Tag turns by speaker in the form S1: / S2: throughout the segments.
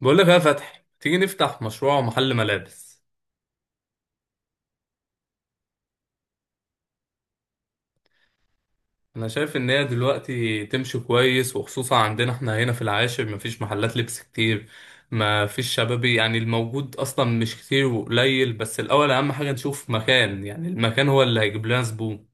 S1: بقول لك يا فتحي، تيجي نفتح مشروع محل ملابس. انا شايف ان هي دلوقتي تمشي كويس، وخصوصا عندنا احنا هنا في العاشر مفيش محلات لبس كتير. مفيش شبابي، يعني الموجود اصلا مش كتير وقليل. بس الاول اهم حاجة نشوف مكان، يعني المكان هو اللي هيجيب لنا زبون.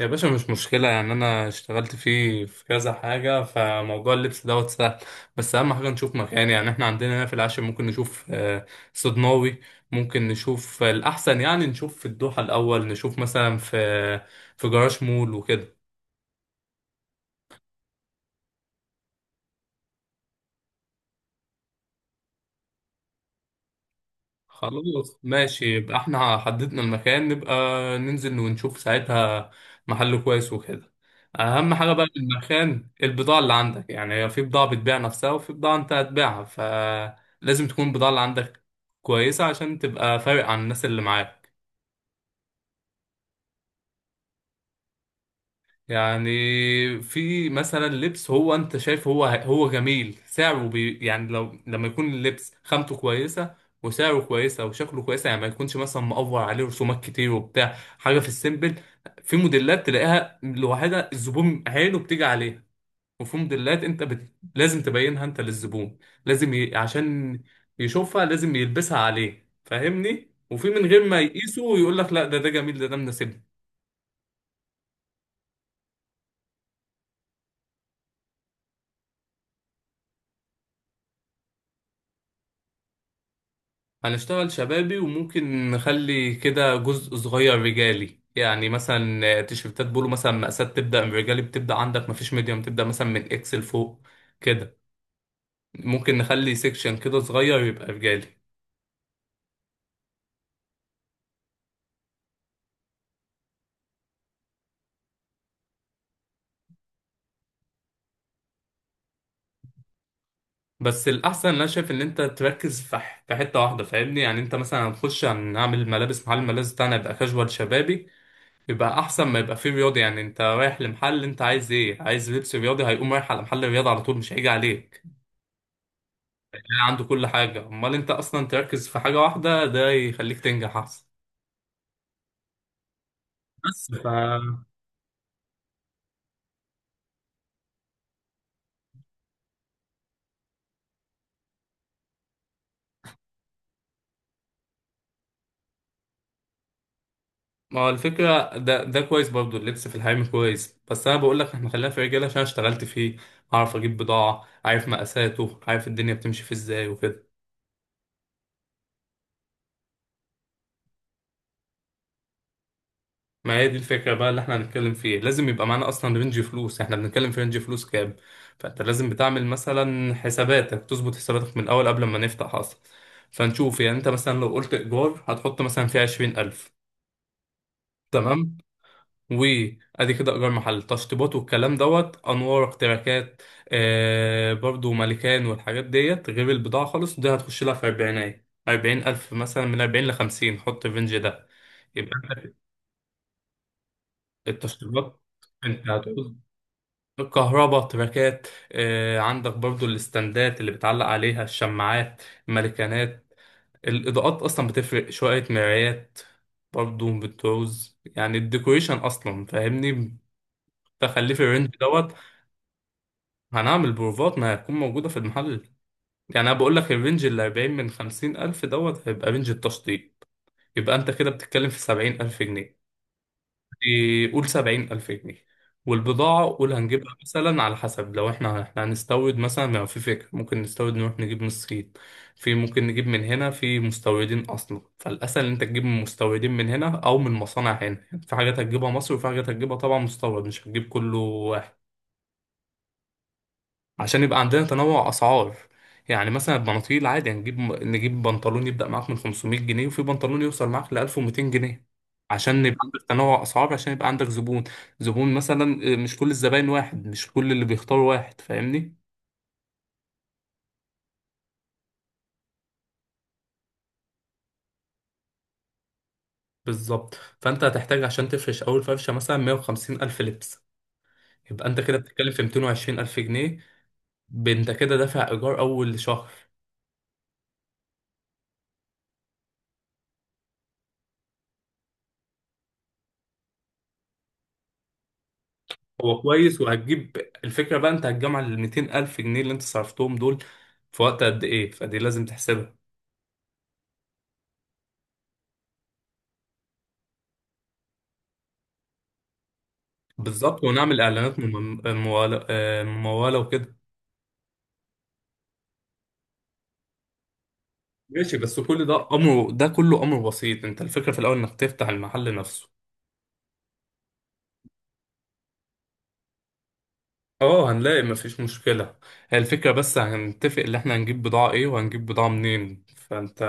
S1: يا باشا مش مشكلة، يعني أنا اشتغلت فيه في كذا حاجة، فموضوع اللبس دوت سهل. بس أهم حاجة نشوف مكان، يعني إحنا عندنا هنا في العاشر ممكن نشوف صدناوي. ممكن نشوف الأحسن، يعني نشوف في الدوحة الأول، نشوف مثلا في في جراج مول وكده. خلاص ماشي، يبقى احنا حددنا المكان، نبقى ننزل ونشوف ساعتها محل كويس وكده. اهم حاجة بقى في المكان البضاعة اللي عندك، يعني في بضاعة بتبيع نفسها وفي بضاعة انت هتبيعها، فلازم تكون البضاعة اللي عندك كويسة عشان تبقى فارق عن الناس اللي معاك. يعني في مثلا لبس هو انت شايف هو جميل سعره بي، يعني لو لما يكون اللبس خامته كويسه وسعره كويسه وشكله كويسه، يعني ما يكونش مثلا مقفر عليه رسومات كتير وبتاع، حاجه في السيمبل. في موديلات تلاقيها لوحدها الزبون عينه بتيجي عليها، وفي موديلات انت لازم تبينها انت للزبون، لازم عشان يشوفها، لازم يلبسها عليه فاهمني، وفي من غير ما يقيسه ويقول لك لا، ده جميل، ده مناسبني. هنشتغل شبابي، وممكن نخلي كده جزء صغير رجالي، يعني مثلا تيشيرتات بولو مثلا، مقاسات تبدأ من رجالي، بتبدأ عندك مفيش ميديوم، تبدأ مثلا من اكس لفوق كده. ممكن نخلي سيكشن كده صغير يبقى رجالي. بس الأحسن أنا شايف إن أنت تركز في في حتة واحدة فاهمني، يعني أنت مثلا هنخش هنعمل ملابس، محل الملابس بتاعنا يبقى كاجوال شبابي يبقى أحسن، ما يبقى فيه رياضي. يعني أنت رايح لمحل، أنت عايز إيه؟ عايز لبس رياضي هيقوم رايح على محل الرياضة على طول، مش هيجي عليه عنده كل حاجة. امال انت اصلا تركز في حاجة واحدة، ده يخليك تنجح احسن. بس ف، ما هو الفكرة ده كويس برضو، اللبس في الحريم كويس، بس انا بقول لك احنا خلينا في رجالة عشان اشتغلت فيه، اعرف اجيب بضاعة، عارف مقاساته، عارف الدنيا بتمشي في ازاي وكده. ما هي دي الفكرة بقى اللي احنا هنتكلم فيه، لازم يبقى معانا اصلا رينج فلوس، احنا بنتكلم في رينج فلوس كام. فانت لازم بتعمل مثلا حساباتك، تظبط حساباتك من الاول قبل ما نفتح اصلا. فنشوف يعني انت مثلا لو قلت ايجار هتحط مثلا فيه عشرين الف. تمام. وادي كده ايجار محل، تشطيبات والكلام دوت، انوار، اختراكات، آه برضو مالكان، والحاجات ديت. غير البضاعه خالص، دي هتخش لها في اربعينات، اربعين الف مثلا، من اربعين لخمسين، حط الرينج ده. يبقى انت، التشطيبات انت هتقول الكهرباء، تراكات، آه عندك برضو الاستندات اللي بتعلق عليها الشماعات، المالكانات، الاضاءات اصلا بتفرق شويه، مرايات برضو بتعوز، يعني الديكوريشن اصلا فاهمني، تخليه في الرينج دوت. هنعمل بروفات، ما هتكون موجودة في المحل. يعني أنا بقول لك الرينج اللي 40 من 50 ألف دوت هيبقى رينج التشطيب. يبقى أنت كده بتتكلم في 70 ألف جنيه. قول 70 ألف جنيه. والبضاعة قول هنجيبها مثلا على حسب، لو احنا هنستورد مثلا، ما في فكرة ممكن نستورد نروح نجيب من الصين، في ممكن نجيب من هنا في مستوردين أصلا، فالأسهل إن أنت تجيب من مستوردين من هنا أو من مصانع هنا. يعني في حاجات هتجيبها مصر وفي حاجات هتجيبها طبعا مستورد، مش هتجيب كله عشان يبقى عندنا تنوع اسعار. يعني مثلا البناطيل عادي، يعني نجيب بنطلون يبدأ معاك من 500 جنيه، وفي بنطلون يوصل معاك ل 1200 جنيه عشان يبقى عندك تنوع اسعار، عشان يبقى عندك زبون، زبون مثلا مش كل الزباين واحد، مش كل اللي بيختاروا واحد فاهمني. بالظبط. فانت هتحتاج عشان تفرش اول فرشه مثلا 150 الف لبس. يبقى انت كده بتتكلم في 220 الف جنيه. انت كده دافع ايجار اول شهر. هو كويس وهتجيب، الفكرة بقى انت هتجمع ال 200 ألف جنيه اللي انت صرفتهم دول في وقت قد ايه، فدي لازم تحسبها. بالظبط، ونعمل اعلانات ممولة، ممولة وكده. ماشي، بس كل ده امر، ده كله امر بسيط، انت الفكرة في الاول انك تفتح المحل نفسه. اه هنلاقي، مفيش مشكلة. هي الفكرة بس هنتفق اللي احنا هنجيب بضاعة ايه وهنجيب بضاعة منين. فانت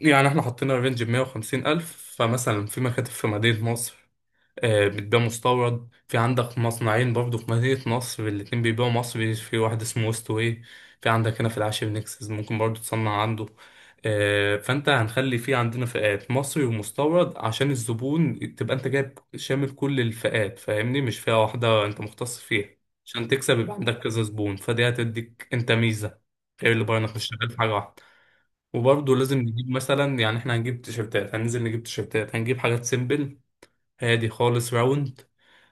S1: يعني احنا حطينا رينج 150 ألف، فمثلا في مكاتب في مدينة نصر بتبيع مستورد، في عندك مصنعين برضو في مدينة نصر الاتنين بيبيعوا مصري، في واحد اسمه ويست واي، في عندك هنا في العاشر نكسس ممكن برضو تصنع عنده. فانت هنخلي في عندنا فئات مصري ومستورد، عشان الزبون تبقى انت جايب شامل كل الفئات فاهمني، مش فئة واحدة انت مختص فيها، عشان تكسب. يبقى عندك كذا زبون، فدي هتديك انت ميزة غير اللي بره، انك مش شغال في حاجة واحدة. وبرضه لازم نجيب مثلا، يعني احنا هنجيب تيشيرتات، هننزل نجيب تيشيرتات، هنجيب حاجات سيمبل هادي خالص راوند،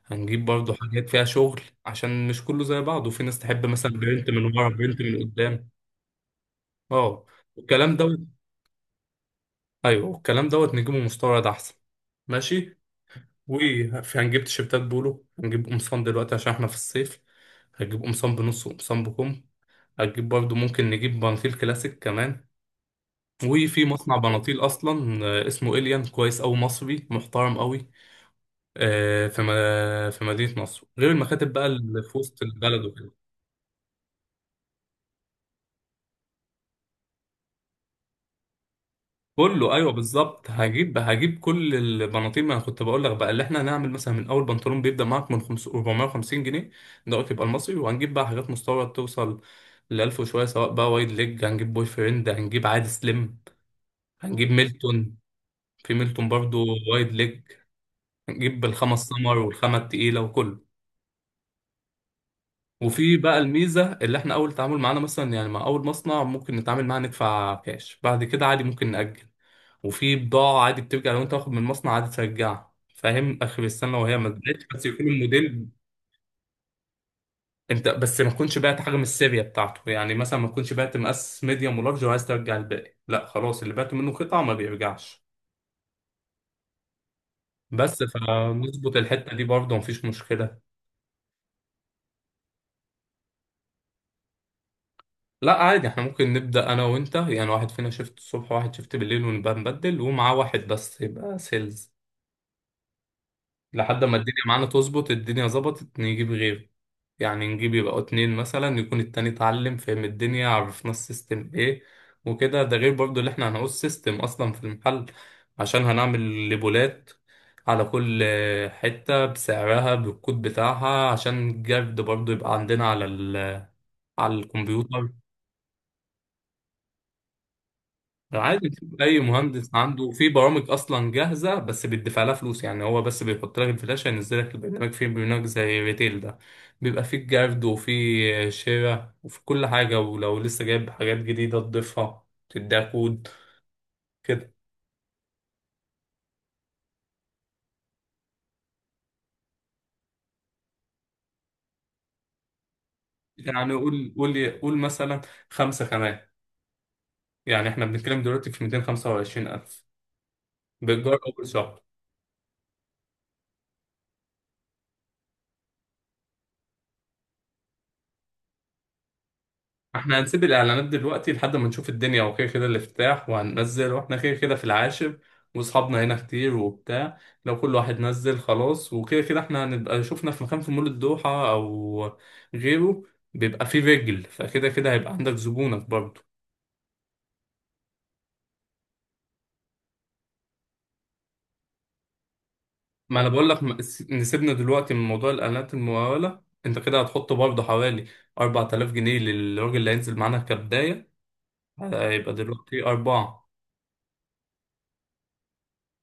S1: هنجيب برضو حاجات فيها شغل عشان مش كله زي بعضه، وفي ناس تحب مثلا برنت من ورا، برنت من قدام. اه والكلام دوت. ايوه الكلام دوت نجيبه مستورد احسن. ماشي. وفي هنجيب تيشيرتات بولو، هنجيب قمصان دلوقتي عشان احنا في الصيف، هتجيب قمصان بنص وقمصان بكم، هتجيب برضو ممكن نجيب بناطيل كلاسيك كمان. وفي مصنع بناطيل اصلا اسمه إليان، كويس أوي، مصري محترم أوي، في في مدينة نصر، غير المكاتب بقى اللي في وسط البلد وكده. كله ايوه بالظبط، هجيب، هجيب كل البناطيل. ما أنا كنت بقول لك بقى اللي احنا هنعمل مثلا، من اول بنطلون بيبدا معاك من 5 450 جنيه دوت، يبقى المصري، وهنجيب بقى حاجات مستورد توصل ل 1000 وشويه، سواء بقى وايد ليج، هنجيب بوي فريند، هنجيب عادي سليم، هنجيب ميلتون. في ميلتون برضو وايد ليج، هنجيب الخمس سمر والخامه التقيله وكله. وفي بقى الميزه، اللي احنا اول تعامل معانا مثلا، يعني مع اول مصنع ممكن نتعامل معاه ندفع كاش، بعد كده عادي ممكن نأجل. وفي بضاعة عادي بترجع، لو انت واخد من المصنع عادي ترجعها، فاهم، اخر السنة وهي ما اتباعتش، بس يكون الموديل انت بس ما تكونش بعت حاجة من السيريا بتاعته، يعني مثلا ما تكونش بعت مقاس ميديوم ولارج وعايز ترجع الباقي، لا خلاص اللي بعته منه قطعة ما بيرجعش. بس فنظبط الحتة دي برضه مفيش مشكلة. لا عادي احنا ممكن نبدأ انا وانت، يعني واحد فينا شيفت الصبح وواحد شيفت بالليل ونبقى نبدل، ومعاه واحد بس يبقى سيلز، لحد ما الدنيا معانا تظبط، الدنيا ظبطت نجيب غيره. يعني نجيب يبقوا اتنين مثلا، يكون التاني اتعلم، فهم الدنيا، عرفنا السيستم ايه وكده. ده غير برضو اللي احنا هنقول سيستم اصلا في المحل، عشان هنعمل ليبولات على كل حتة بسعرها بالكود بتاعها، عشان الجرد برضو يبقى عندنا على على الكمبيوتر. عادي تشوف اي مهندس، عنده في برامج اصلا جاهزه بس بيدفع لها فلوس، يعني هو بس بيحط لك الفلاشه، ينزل لك البرنامج، في برنامج زي ريتيل ده، بيبقى فيه جرد وفيه شراء وفي كل حاجه، ولو لسه جايب حاجات جديده تضيفها، تديها كود كده. يعني قول مثلا خمسه كمان، يعني احنا بنتكلم دلوقتي في 225,000 بإيجار أول شهر. احنا هنسيب الاعلانات دلوقتي لحد ما نشوف الدنيا، وكده كده الافتتاح وهننزل، واحنا كده كده في العاشر واصحابنا هنا كتير وبتاع، لو كل واحد نزل خلاص، وكده كده احنا هنبقى شفنا في مكان في مول الدوحة او غيره، بيبقى فيه رجل، فكده كده هيبقى عندك زبونك برضه. ما انا بقول لك نسيبنا دلوقتي من موضوع الاعلانات الممولة، انت كده هتحط برضه حوالي 4,000 جنيه للراجل اللي هينزل معانا كبداية، هيبقى دلوقتي أربعة.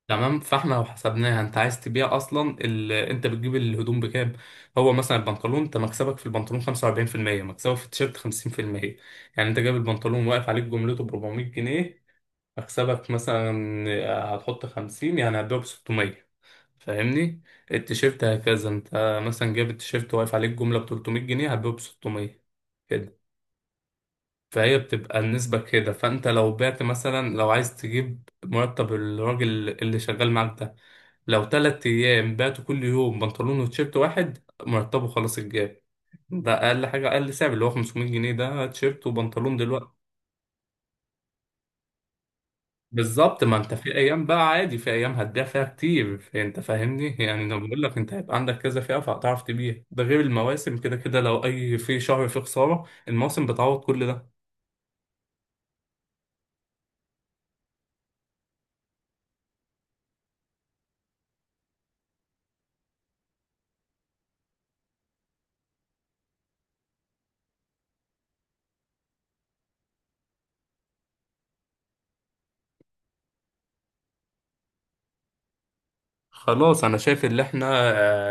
S1: تمام. فاحنا لو حسبناها، انت عايز تبيع اصلا ال... انت بتجيب الهدوم بكام؟ هو مثلا البنطلون، انت مكسبك في البنطلون 45%، مكسبك في التيشيرت 50%. يعني انت جايب البنطلون، واقف عليك جملته ب 400 جنيه، مكسبك مثلا هتحط 50، يعني هتبيعه ب 600 فاهمني. التيشيرت هكذا، انت مثلا جايب التيشيرت واقف عليك جملة ب 300 جنيه، هتبيعه ب 600. فهي بتبقى النسبة كده. فأنت لو بعت مثلا، لو عايز تجيب مرتب الراجل اللي شغال معاك ده، لو تلات أيام بعته كل يوم بنطلون وتيشيرت واحد، مرتبه خلاص اتجاب، ده أقل حاجة، أقل سعر اللي هو 500 جنيه ده تيشيرت وبنطلون دلوقتي. بالظبط، ما أنت في أيام بقى عادي، في أيام هتبيع فيها كتير أنت فاهمني، يعني أنا بقول لك أنت هيبقى عندك كذا فئة، فهتعرف تبيع، ده غير المواسم كده كده، لو أي في شهر فيه خسارة، المواسم بتعوض كل ده. خلاص، انا شايف ان احنا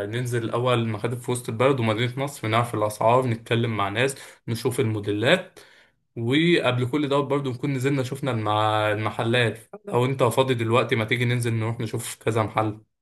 S1: ننزل الاول مخادم في وسط البلد ومدينة نصر، نعرف الاسعار، نتكلم مع ناس، نشوف الموديلات، وقبل كل دوت برضو نكون نزلنا شفنا المحلات. لو انت فاضي دلوقتي ما تيجي ننزل نروح نشوف كذا محل.